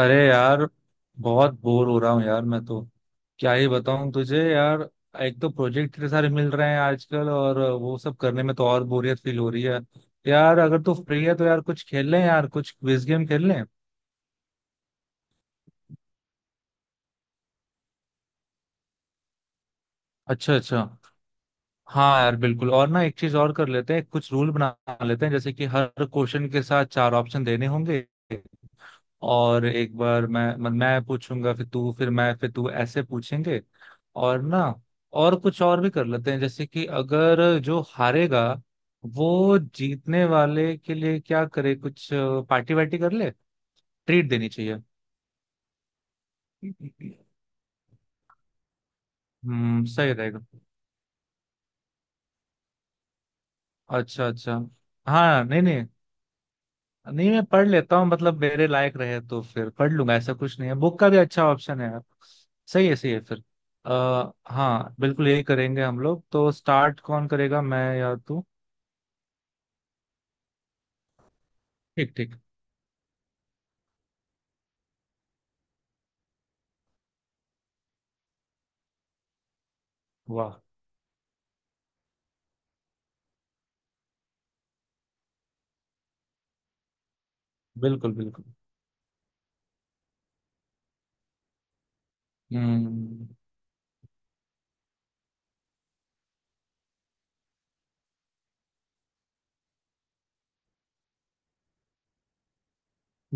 अरे यार, बहुत बोर हो रहा हूँ यार। मैं तो क्या ही बताऊँ तुझे यार। एक तो प्रोजेक्ट इतने सारे मिल रहे हैं आजकल, और वो सब करने में तो और बोरियत फील हो रही है यार। अगर तू फ्री है तो यार कुछ खेल लें, यार कुछ क्विज गेम खेल लें। अच्छा अच्छा। हाँ यार, बिल्कुल। और ना, एक चीज और कर लेते हैं, कुछ रूल बना लेते हैं, जैसे कि हर क्वेश्चन के साथ चार ऑप्शन देने होंगे। और एक बार मैं मत- मैं पूछूंगा, फिर तू, फिर मैं, फिर तू, ऐसे पूछेंगे। और ना, और कुछ और भी कर लेते हैं, जैसे कि अगर जो हारेगा वो जीतने वाले के लिए क्या करे, कुछ पार्टी वार्टी कर ले, ट्रीट देनी चाहिए। सही रहेगा। अच्छा अच्छा। हाँ, नहीं नहीं। नहीं मैं पढ़ लेता हूँ, मतलब मेरे लायक रहे तो फिर पढ़ लूंगा, ऐसा कुछ नहीं है। बुक का भी अच्छा ऑप्शन है यार। सही है फिर। हाँ बिल्कुल, यही करेंगे हम लोग। तो स्टार्ट कौन करेगा, मैं या तू? ठीक ठीक। वाह। बिल्कुल बिल्कुल। हम्म।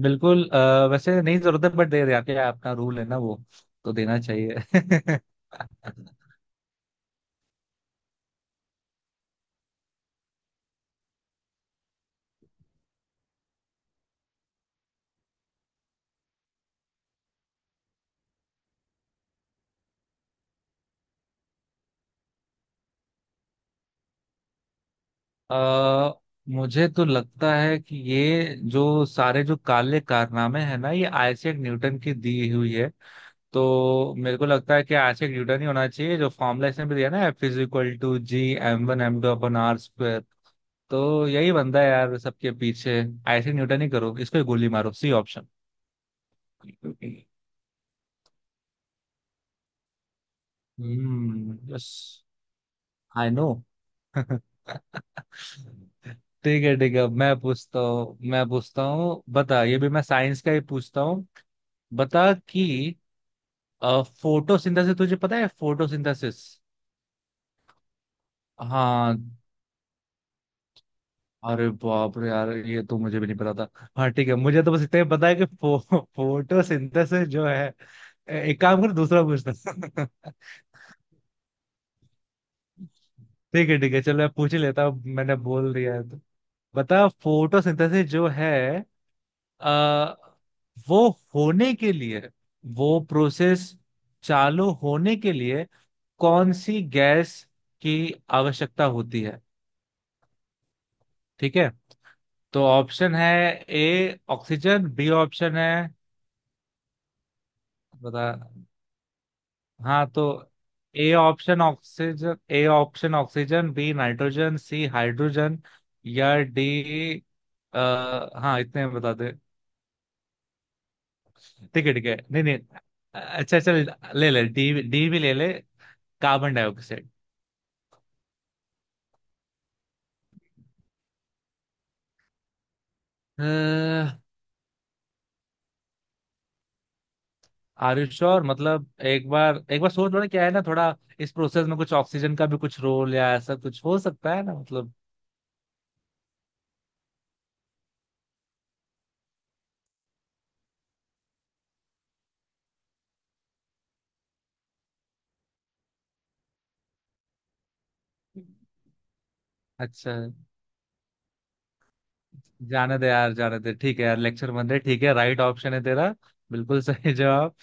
बिल्कुल, वैसे नहीं जरूरत है, बट दे रहे, आपके अपना रूल है ना वो, तो देना चाहिए। आ, मुझे तो लगता है कि ये जो सारे जो काले कारनामे हैं ना, ये आइजैक न्यूटन की दी हुई है। तो मेरे को लगता है कि आज एक न्यूटन ही होना चाहिए, जो फॉर्मूला इसने भी दिया ना, F is equal to G M one M two upon R square. तो यही बंदा है यार सबके पीछे। ऐसे न्यूटन ही करो, इसको ही गोली मारो, C option. Yes. I no. ठीक है ठीक है, मैं पूछता हूँ मैं पूछता हूँ, बता। ये भी मैं साइंस का ही पूछता हूँ। बता कि फोटोसिंथेसिस तुझे पता है, फोटोसिंथेसिस? हाँ। अरे बाप रे यार, ये तो मुझे भी नहीं पता था। हाँ ठीक है, मुझे तो बस इतना ही पता है कि फोटोसिंथेसिस जो है। एक काम कर, दूसरा पूछता। ठीक है ठीक है, चलो मैं पूछ ही लेता हूँ, मैंने बोल दिया है तो। बता फोटोसिंथेसिस जो है, आ, वो होने के लिए, वो प्रोसेस चालू होने के लिए कौन सी गैस की आवश्यकता होती है? ठीक है। तो ऑप्शन है, ए ऑक्सीजन, बी ऑप्शन है, बता। हाँ तो A option oxygen, A option oxygen, B nitrogen, C hydrogen, या डी। आ, हाँ इतने बता दे। ठीक है ठीक है, नहीं नहीं। अच्छा चल, ले ले, डी डी भी ले ले, carbon dioxide. Are you sure? मतलब एक बार सोच लो ना, क्या है ना थोड़ा, इस प्रोसेस में कुछ ऑक्सीजन का भी कुछ रोल या ऐसा कुछ हो सकता है ना, मतलब। अच्छा। जाने दे यार, जाने दे, ठीक है यार, लेक्चर बन रहे, ठीक है, राइट ऑप्शन है तेरा। बिल्कुल। सही जवाब।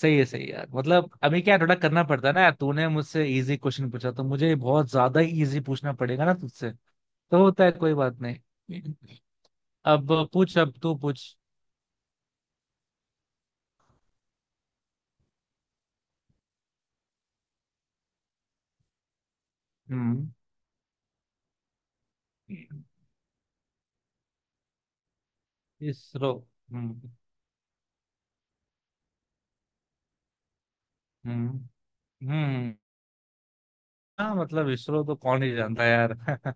सही है यार, मतलब अभी क्या थोड़ा करना पड़ता है ना यार, तूने मुझसे इजी क्वेश्चन पूछा तो मुझे बहुत ज्यादा इजी पूछना पड़ेगा ना तुझसे, तो होता है, कोई बात नहीं। अब पूछ, अब तू पूछ। हम्म। इसरो। हम्म। हम्म। हम्म। हाँ, मतलब इसरो तो कौन ही जानता है यार।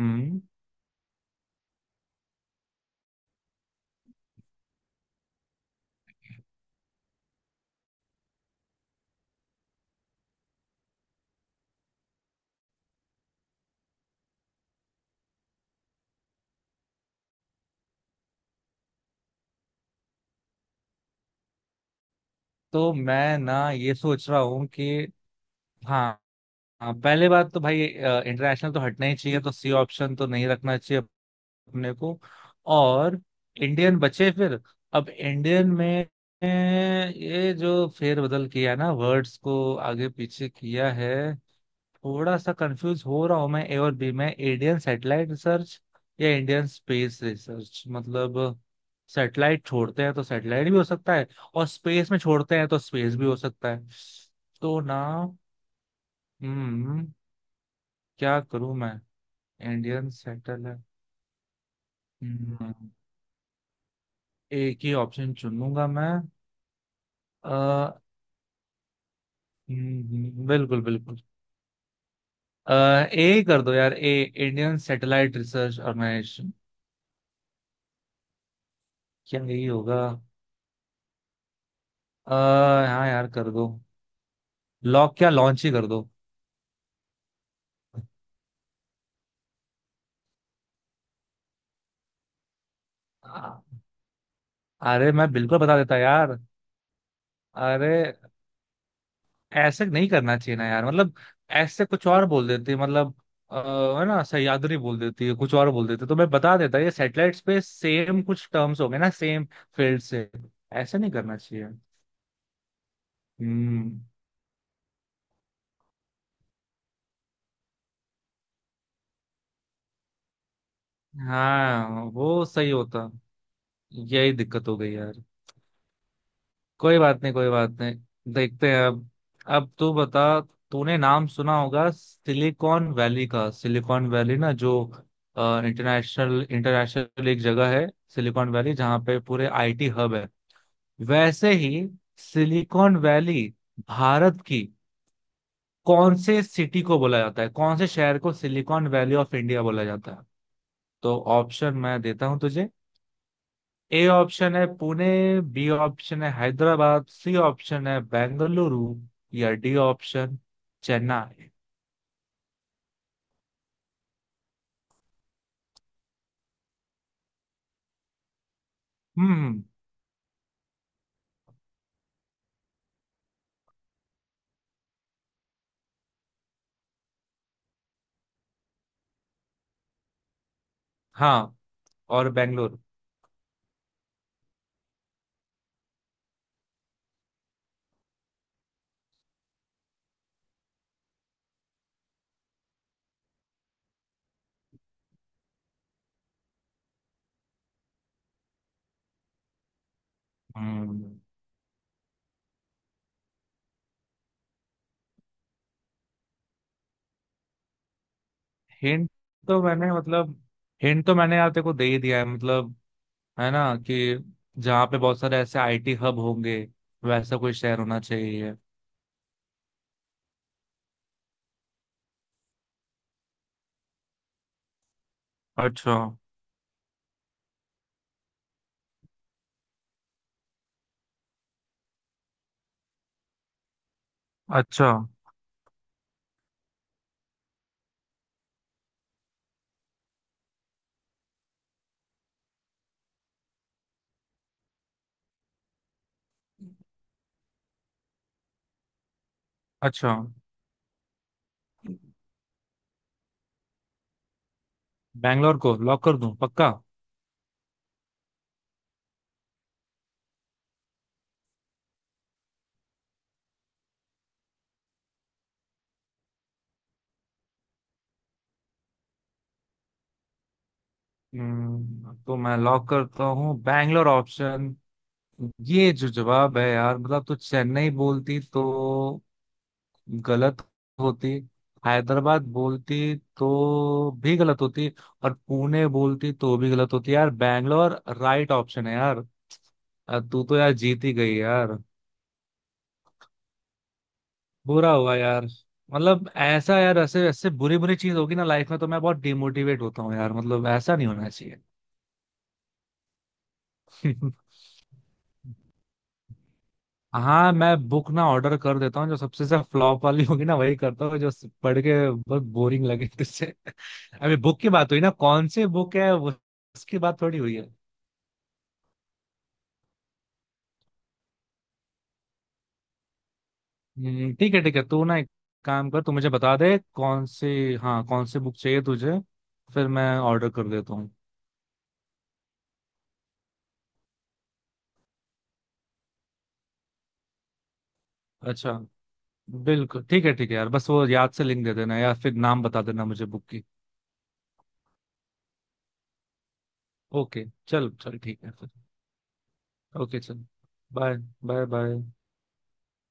हम्म। तो मैं ना ये सोच रहा हूँ कि हाँ हाँ, पहले बात तो भाई इंटरनेशनल तो हटना ही चाहिए, तो सी ऑप्शन तो नहीं रखना चाहिए अपने को। और इंडियन बचे फिर। अब इंडियन में, ये जो फेरबदल किया ना, वर्ड्स को आगे पीछे किया है, थोड़ा सा कंफ्यूज हो रहा हूं मैं ए और बी में। इंडियन सैटेलाइट रिसर्च या इंडियन स्पेस रिसर्च, मतलब सैटेलाइट छोड़ते हैं तो सैटेलाइट भी हो सकता है, और स्पेस में छोड़ते हैं तो स्पेस भी हो सकता है, तो ना। हम्म। क्या करूं मैं? इंडियन सेटल है। हम्म, एक ही ऑप्शन चुन लूंगा मैं। आ, बिल्कुल बिल्कुल। आ, ए कर दो यार, A Indian satellite research organisation. क्या यही होगा? आ, हाँ यार कर दो। लॉक क्या, लॉन्च ही कर दो। आ, अरे मैं बिल्कुल बता देता यार। अरे, ऐसे नहीं करना चाहिए ना यार, मतलब ऐसे कुछ और बोल देते, मतलब अ, है ना, सह्याद्री बोल देती है, कुछ और बोल देते तो मैं बता देता, ये सैटेलाइट्स पे सेम कुछ टर्म्स हो गए ना, सेम फील्ड से, ऐसे नहीं करना चाहिए। हम्म। हाँ वो सही होता। यही दिक्कत हो गई यार। कोई बात नहीं, कोई बात नहीं, देखते हैं अब। अब तू बता, तूने नाम सुना होगा सिलिकॉन वैली का, सिलिकॉन वैली ना, जो इंटरनेशनल इंटरनेशनल एक जगह है, सिलिकॉन वैली, जहाँ पे पूरे आईटी हब है। वैसे ही सिलिकॉन वैली भारत की कौन से सिटी को बोला जाता है, कौन से शहर को सिलिकॉन वैली ऑफ इंडिया बोला जाता है? तो ऑप्शन मैं देता हूँ तुझे। ए ऑप्शन है पुणे, बी ऑप्शन है हैदराबाद, सी ऑप्शन है बेंगलुरु, या डी ऑप्शन चेन्नई। हम्म। हाँ। और बेंगलुरु। हम्म। हिंट तो मैंने, मतलब हिंट तो मैंने यार तेरे को दे ही दिया है, मतलब है ना कि जहाँ पे बहुत सारे ऐसे आईटी हब होंगे, वैसा कोई शहर होना चाहिए। अच्छा। अच्छा। अच्छा। बैंगलोर को लॉक कर दूं पक्का? तो मैं लॉक करता हूँ बैंगलोर ऑप्शन। ये जो जवाब है यार, मतलब तो चेन्नई बोलती तो गलत होती, हैदराबाद बोलती तो भी गलत होती, और पुणे बोलती तो भी गलत होती यार, बैंगलोर राइट ऑप्शन है यार। तू तो यार जीत ही गई यार। बुरा हुआ यार, मतलब ऐसा यार, ऐसे ऐसे बुरी बुरी चीज होगी ना लाइफ में तो मैं बहुत डिमोटिवेट होता हूँ यार, मतलब ऐसा नहीं होना चाहिए। हाँ मैं बुक ना ऑर्डर कर देता हूँ, जो सबसे ज्यादा फ्लॉप वाली होगी ना, वही करता हूँ, जो पढ़ के बहुत बोरिंग लगे तुझसे। अभी बुक की बात हुई ना, कौन सी बुक है वो उसकी बात थोड़ी हुई है। ठीक है ठीक है, तू ना एक काम कर, तू मुझे बता दे कौन सी, हाँ कौन सी बुक चाहिए तुझे, फिर मैं ऑर्डर कर देता हूँ। अच्छा। बिल्कुल ठीक है यार, बस वो याद से लिंक दे देना या फिर नाम बता देना मुझे बुक की। ओके चल चल ठीक है फिर। ओके चल। बाय। Bye bye.